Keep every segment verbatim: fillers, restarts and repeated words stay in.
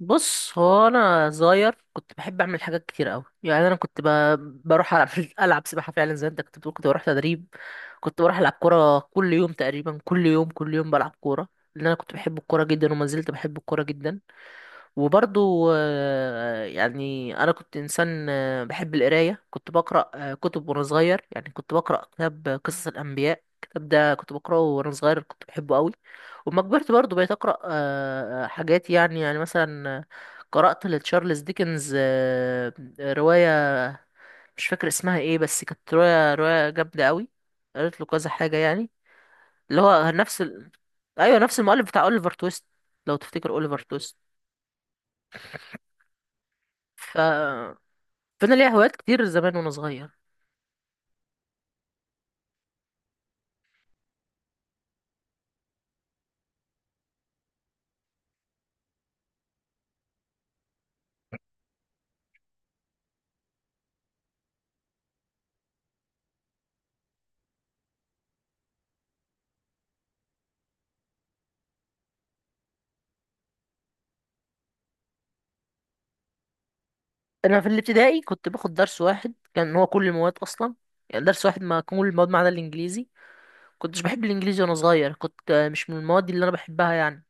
بص، هو انا صغير كنت بحب اعمل حاجات كتير قوي. يعني انا كنت ب... بروح العب العب سباحه فعلا، زي انت كنت بتقول كنت بروح تدريب. كنت بروح العب كوره كل يوم تقريبا، كل يوم كل يوم بلعب كوره، لان انا كنت بحب الكوره جدا وما زلت بحب الكوره جدا. وبرضو آه، يعني انا كنت انسان آه، بحب القرايه، كنت بقرا آه، كتب وانا صغير، يعني كنت بقرا كتاب آه، قصص الانبياء، الكتاب ده كنت بقراه وانا صغير كنت بحبه قوي. وما كبرت برضو بقيت اقرا آه، آه، حاجات، يعني يعني مثلا آه، قرات لتشارلز ديكنز آه، روايه، مش فاكر اسمها ايه، بس كانت روايه روايه جامده قوي، قريت له كذا حاجه يعني، اللي هو نفس ال... ايوه، نفس المؤلف بتاع اوليفر تويست، لو تفتكر اوليفر تويست. ف فانا ليا هوايات كتير زمان وانا صغير. انا في الابتدائي كنت باخد درس واحد، كان هو كل المواد اصلا. يعني درس واحد ما كل المواد ما عدا الانجليزي، كنتش بحب الانجليزي وانا صغير، كنت آه، مش من المواد اللي انا بحبها يعني.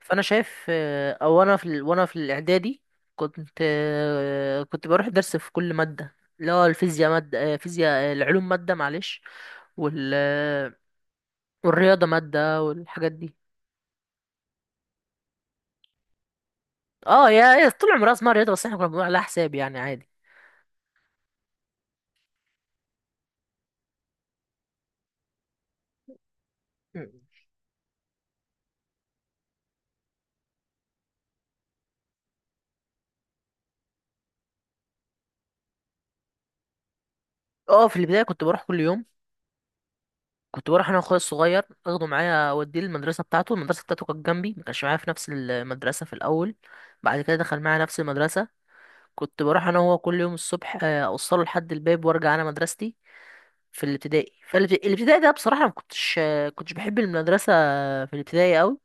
فانا شايف آه، او انا في ال... وانا في الاعدادي كنت آه، كنت بروح درس في كل ماده، اللي هو الفيزياء ماده، آه، فيزياء، آه، العلوم ماده، معلش، وال آه، والرياضه ماده والحاجات دي. اه، يا يا طول عمرها اسمها رياضه، بس احنا كنا بنقول عليها حساب، يعني عادي. م. اه، في البدايه كنت بروح كل يوم. كنت بروح انا واخويا الصغير، اخده معايا اوديه المدرسه بتاعته، المدرسه بتاعته كانت جنبي، ما كانش معايا في نفس المدرسه في الاول. بعد كده دخل معايا نفس المدرسه. كنت بروح انا وهو كل يوم الصبح، آه، اوصله لحد الباب وارجع انا مدرستي في الابتدائي. فالابتدائي ده بصراحه ما كنتش آه، كنتش بحب المدرسه في الابتدائي قوي،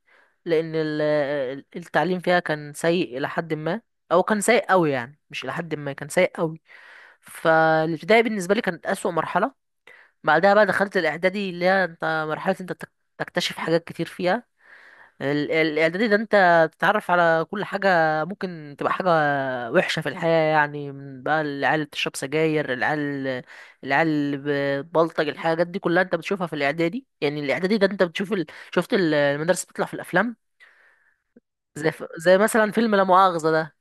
لان ال- آه، التعليم فيها كان سيء الى حد ما، او كان سيء قوي يعني، مش الى حد ما، كان سيء قوي. فالابتدائي بالنسبه لي كانت اسوأ مرحله. بعدها بقى دخلت الاعدادي، اللي هي انت مرحله انت تك- تكتشف حاجات كتير فيها. ال- ال- الاعدادي ده انت تتعرف على كل حاجه، ممكن تبقى حاجه وحشه في الحياه، يعني من بقى العيال اللي بتشرب سجاير، العيال العيال اللي بتبلطج، الحاجات دي كلها انت بتشوفها في الاعدادي. يعني الاعدادي ده انت بتشوف ال... شفت ال- المدرسه بتطلع في الافلام، زي ف... زي مثلا فيلم لا مؤاخذه ده.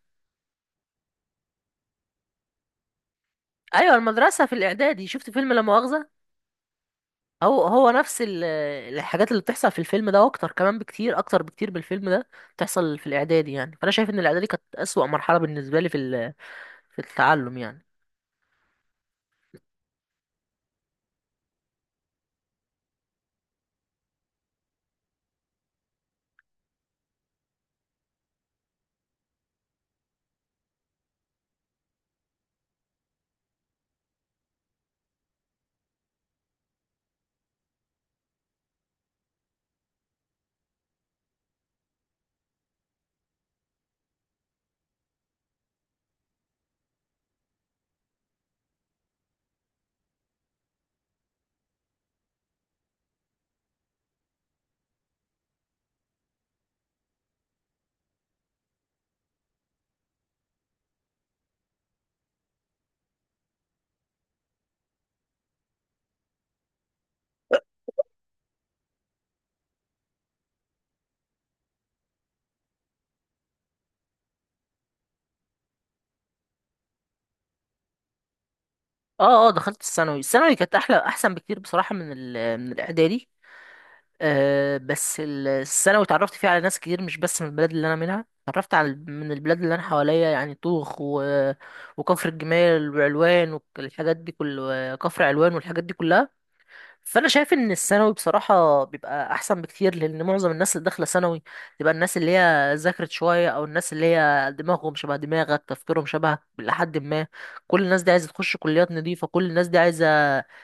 ايوه، المدرسه في الاعدادي، شفت فيلم لا مؤاخذه، هو هو نفس ال- الحاجات اللي بتحصل في الفيلم ده واكتر كمان، بكتير اكتر بكتير من الفيلم ده بتحصل في الاعدادي. يعني فانا شايف ان الاعدادي كانت اسوأ مرحله بالنسبه لي في ال- في التعلم يعني. اه اه، دخلت الثانوي، الثانوي كانت احلى، احسن بكتير بصراحه من ال- من الاعدادي. آه بس ال- الثانوي اتعرفت فيها على ناس كتير، مش بس من البلد اللي انا منها، اتعرفت على من البلاد اللي انا حواليا، يعني طوخ و... وكفر الجمال وعلوان والحاجات دي كل كفر علوان والحاجات دي كلها. فانا شايف ان الثانوي بصراحه بيبقى احسن بكتير، لان معظم الناس اللي داخله ثانوي تبقى الناس اللي هي ذاكرت شويه، او الناس اللي هي دماغهم شبه دماغك، تفكيرهم شبهك لحد ما، كل الناس دي عايزه تخش كليات نظيفه، كل الناس دي عايزه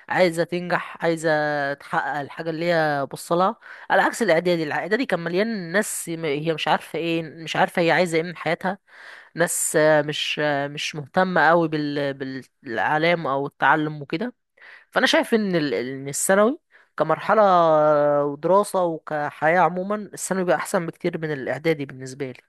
عايزه تنجح، عايزه تحقق الحاجه اللي هي بصلها. على عكس الاعدادي الاعدادي كان مليان ناس م- هي مش عارفه ايه، مش عارفه هي عايزه ايه من حياتها، ناس آه، مش آه، مش مهتمه قوي بال... بالعلام او التعلم وكده. فانا شايف ان ال- ان الثانوي كمرحله ودراسه وكحياه عموما، الثانوي بقى احسن بكتير من الاعدادي بالنسبه لي.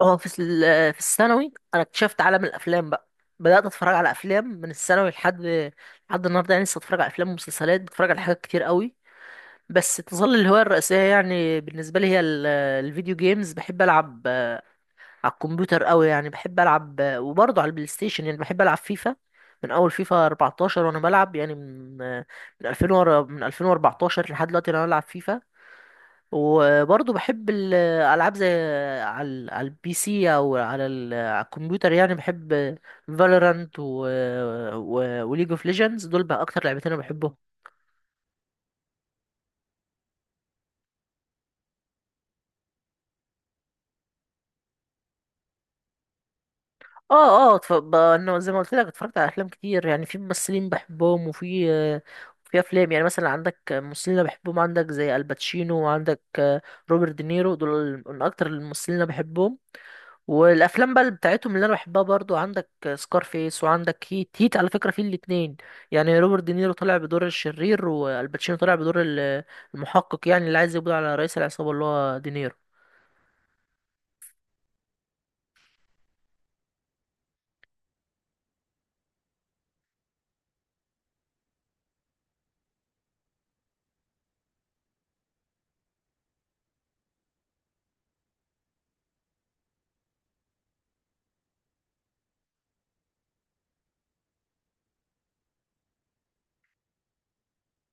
اه، في ال- في الثانوي انا اكتشفت عالم الافلام بقى، بدات اتفرج على افلام من الثانوي لحد لحد النهارده، يعني لسه اتفرج على افلام ومسلسلات، بتفرج على حاجات كتير قوي. بس تظل الهوايه الرئيسيه يعني بالنسبه لي هي ال- الفيديو جيمز، بحب العب على الكمبيوتر قوي يعني، بحب العب، وبرضه على البلاي ستيشن يعني بحب العب فيفا. من اول فيفا اربعة عشر وانا بلعب، يعني من من الفين ورا، من الفين واربعتاشر لحد دلوقتي انا بلعب فيفا. وبرضه بحب الالعاب زي، على ال- على البي سي، او على ال- على الكمبيوتر، يعني بحب فالورانت و و... وليج اوف ليجندز، دول بقى اكتر لعبتين انا بحبهم. اه اه، اتف- ب- انه زي ما قلت لك اتفرجت على افلام كتير، يعني في ممثلين بحبهم، وفي آه، في افلام. يعني مثلا عندك ممثلين انا بحبهم، عندك زي الباتشينو، وعندك آه، روبرت دينيرو، دول من اكتر الممثلين اللي انا بحبهم. والافلام بقى اللي بتاعتهم اللي انا بحبها برضو، عندك سكارفيس، وعندك هيت، هيت على فكره في الاتنين، يعني روبرت دينيرو طلع بدور الشرير والباتشينو طلع بدور ال- المحقق، يعني اللي عايز يقبض على رئيس العصابه اللي هو دينيرو.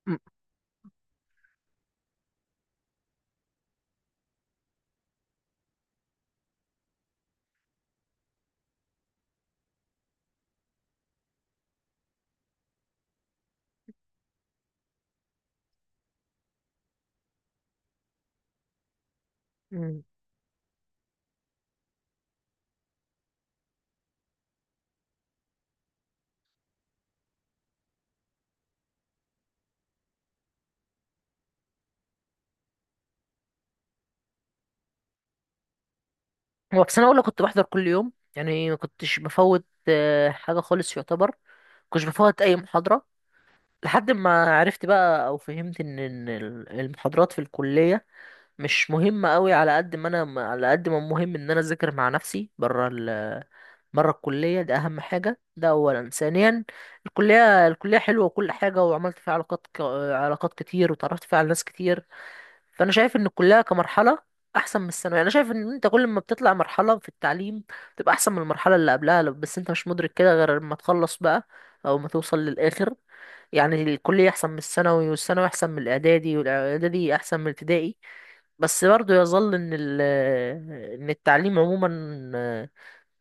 م- م. هو في سنة أولى كنت بحضر كل يوم، يعني ما كنتش بفوت آه، حاجة خالص يعتبر، كنتش بفوت أي محاضرة، لحد ما عرفت بقى أو فهمت إن إن ال- المحاضرات في الكلية مش مهمة أوي، على قد ما أنا على قد ما مهم إن أنا أذاكر مع نفسي برا ال برا الكلية، ده أهم حاجة، ده أولا. ثانيا، الكلية الكلية حلوة وكل حاجة، وعملت فيها علاقات ك- علاقات كتير، وتعرفت فيها على ناس كتير. فانا شايف ان الكليه كمرحله احسن من الثانويه، انا شايف ان انت كل ما بتطلع مرحله في التعليم بتبقى احسن من المرحله اللي قبلها، لو- بس انت مش مدرك كده غير لما تخلص بقى، او ما توصل للاخر. يعني الكليه احسن من الثانوي، والثانوي احسن من الاعدادي، والاعدادي احسن من الابتدائي، بس برضه يظل ان ال- ان التعليم عموما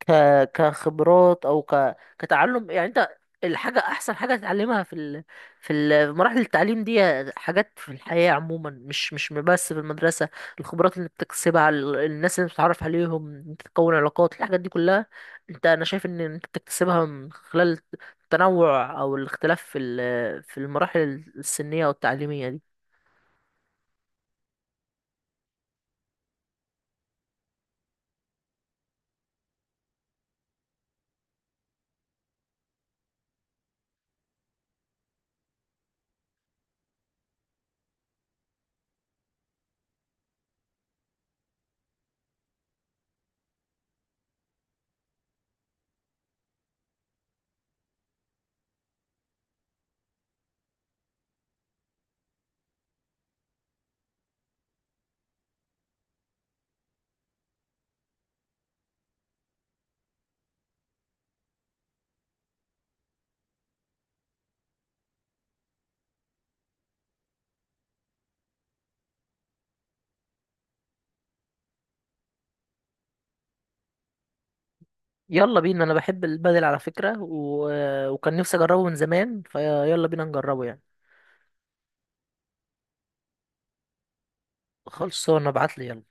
ك... كخبرات او ك... كتعلم يعني. انت الحاجة، احسن حاجة تتعلمها في ال... في ال... في مراحل التعليم دي، حاجات في الحياة عموما، مش مش بس في المدرسة. الخبرات اللي بتكسبها، ال- الناس اللي بتتعرف عليهم، انت تكون علاقات، الحاجات دي كلها انت انا شايف ان انت بتكتسبها من خلال التنوع او الاختلاف في ال... في المراحل السنية والتعليمية دي. يلا بينا، انا بحب البدل على فكرة، و... وكان نفسي اجربه من زمان، فيلا بينا نجربه يعني. خلصانه، ابعت لي يلا.